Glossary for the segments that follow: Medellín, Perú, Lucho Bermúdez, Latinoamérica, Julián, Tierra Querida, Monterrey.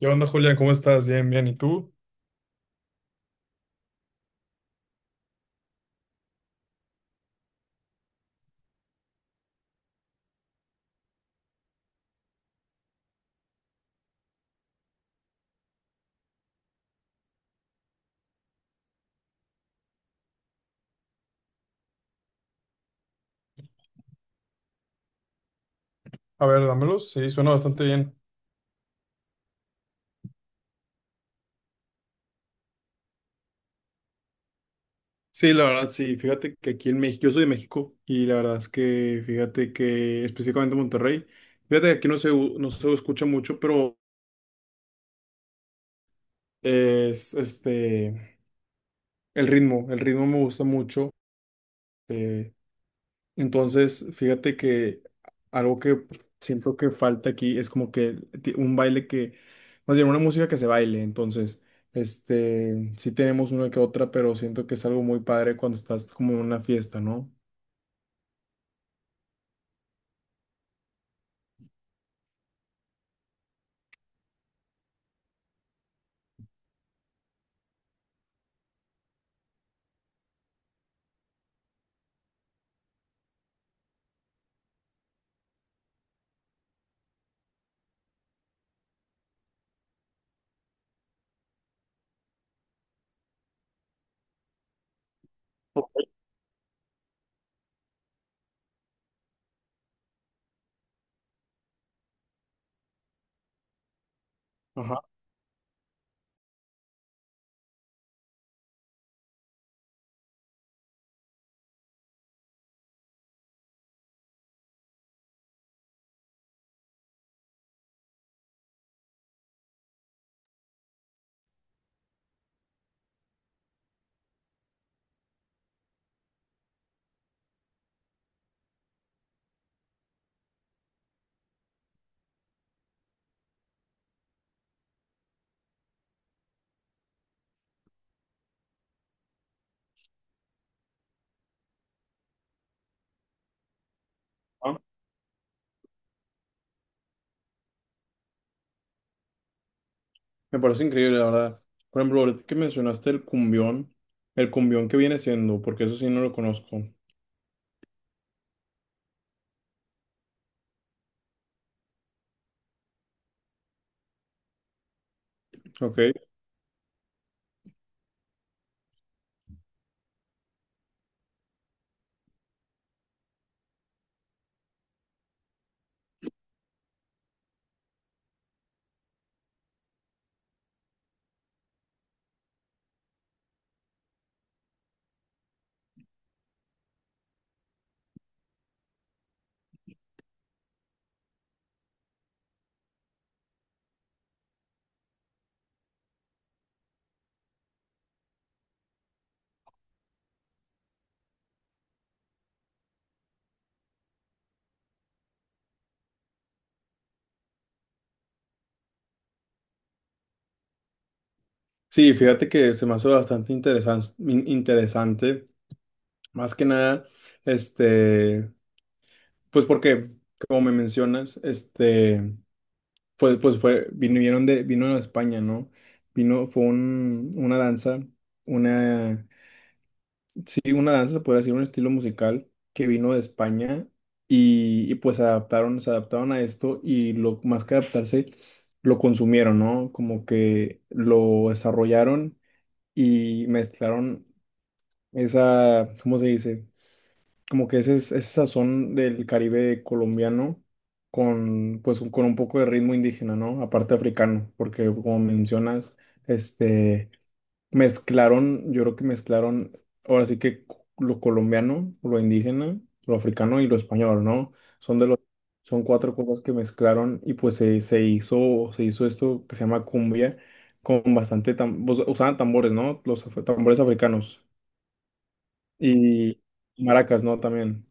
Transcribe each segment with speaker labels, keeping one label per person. Speaker 1: ¿Qué onda, Julián? ¿Cómo estás? Bien, bien. ¿Y tú? A ver, dámelos. Sí, suena bastante bien. Sí, la verdad, sí. Fíjate que aquí en México, yo soy de México y la verdad es que, fíjate que específicamente Monterrey, fíjate que aquí no se, no se escucha mucho, pero es este, el ritmo me gusta mucho. eh, Entonces, fíjate que algo que siento que falta aquí es como que un baile que, más bien una música que se baile. Entonces, este, sí tenemos una que otra, pero siento que es algo muy padre cuando estás como en una fiesta, ¿no? Ajá. Me parece increíble, la verdad. Por ejemplo, ahorita que mencionaste el cumbión que viene siendo, porque eso sí no lo conozco. Ok. Sí, fíjate que se me hace bastante interesante. Más que nada, este, pues porque, como me mencionas, este, fue, pues fue, vinieron de, vino de España, ¿no? Vino, fue una danza, una. Sí, una danza, se podría decir, un estilo musical que vino de España y, pues adaptaron, se adaptaron a esto y lo más que adaptarse, lo consumieron, ¿no? Como que lo desarrollaron y mezclaron esa, ¿cómo se dice? Como que ese sazón del Caribe colombiano con, pues, con un poco de ritmo indígena, ¿no? Aparte africano, porque como mencionas, este... Mezclaron, yo creo que mezclaron, ahora sí que lo colombiano, lo indígena, lo africano y lo español, ¿no? Son de los, son cuatro cosas que mezclaron y pues se, se hizo esto que se llama cumbia con bastante, pues, usaban tambores, ¿no? Los tambores africanos y maracas, ¿no? También.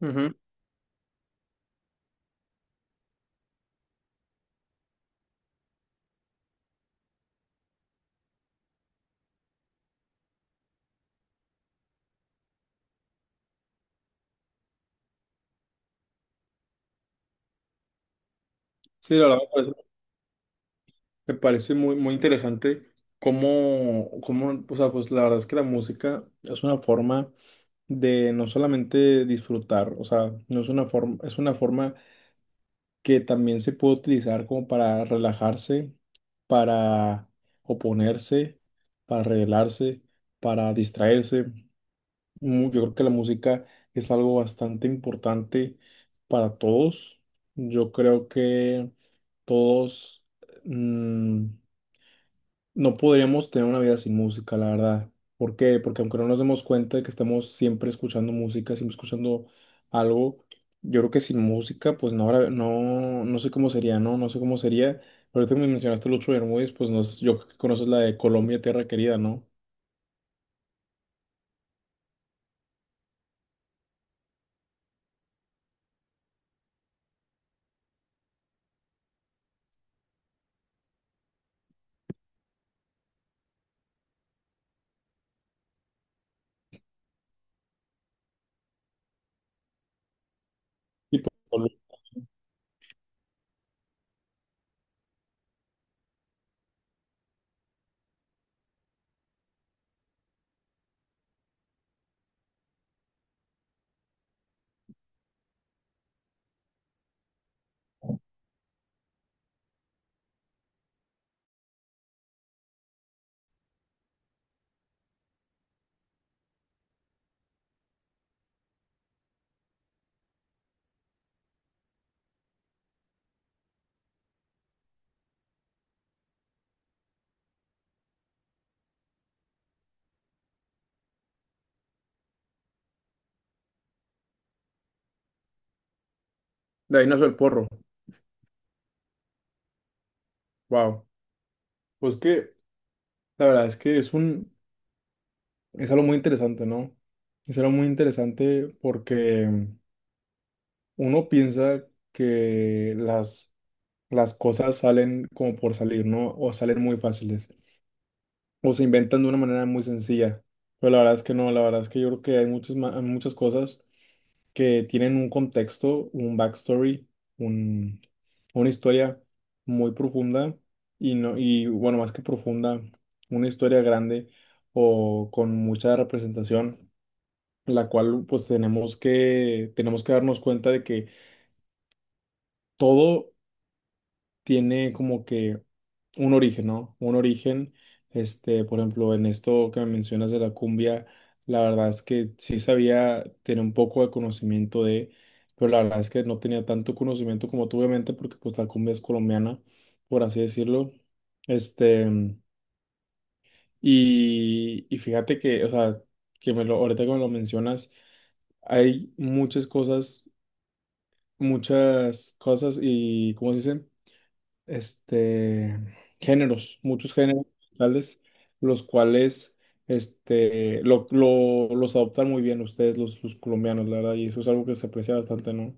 Speaker 1: Ujú. Sí, la verdad, me parece muy, muy interesante cómo, cómo, o sea, pues la verdad es que la música es una forma de no solamente disfrutar, o sea, no es una forma, es una forma que también se puede utilizar como para relajarse, para oponerse, para rebelarse, para distraerse. Yo creo que la música es algo bastante importante para todos. Yo creo que todos mm, no podríamos tener una vida sin música, la verdad. ¿Por qué? Porque aunque no nos demos cuenta de que estamos siempre escuchando música, siempre escuchando algo, yo creo que sin música, pues no, no, no sé cómo sería, ¿no? No sé cómo sería. Ahorita me mencionaste Lucho Bermúdez, pues no, sé, yo creo que conoces la de Colombia, Tierra Querida, ¿no? Y pues, de ahí nació el porro. Wow. Pues que, la verdad es que es un, es algo muy interesante, ¿no? Es algo muy interesante porque uno piensa que las cosas salen como por salir, ¿no? O salen muy fáciles, o se inventan de una manera muy sencilla. Pero la verdad es que no, la verdad es que yo creo que hay muchas, hay muchas cosas que tienen un contexto, un backstory, un, una historia muy profunda y, no, y bueno, más que profunda, una historia grande o con mucha representación, la cual pues tenemos que darnos cuenta de que todo tiene como que un origen, ¿no? Un origen, este, por ejemplo, en esto que me mencionas de la cumbia, la verdad es que sí sabía tener un poco de conocimiento de, pero la verdad es que no tenía tanto conocimiento como tú, obviamente, porque pues la cumbia es colombiana, por así decirlo. Este, y fíjate que, o sea, que me lo, ahorita que me lo mencionas, hay muchas cosas y, ¿cómo se dicen? Este, géneros, muchos géneros musicales, los cuales este, lo, los adoptan muy bien ustedes, los colombianos, la verdad, y eso es algo que se aprecia bastante, ¿no?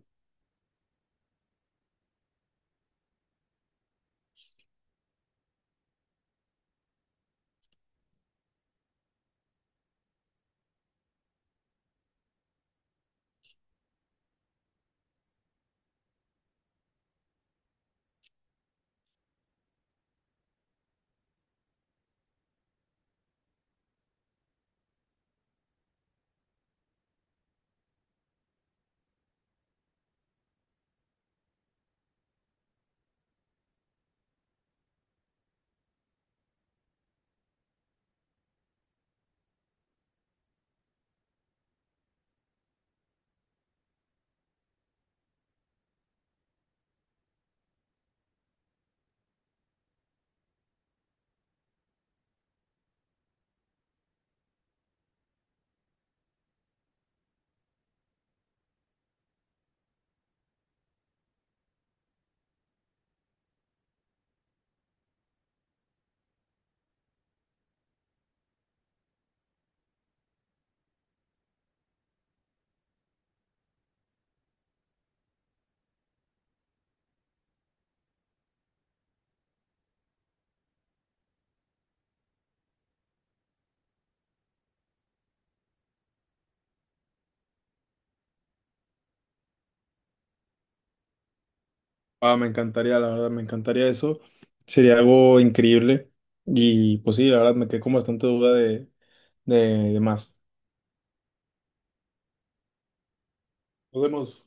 Speaker 1: Ah, me encantaría, la verdad, me encantaría eso, sería algo increíble, y pues sí, la verdad, me quedé con bastante duda de, de más. Nos vemos.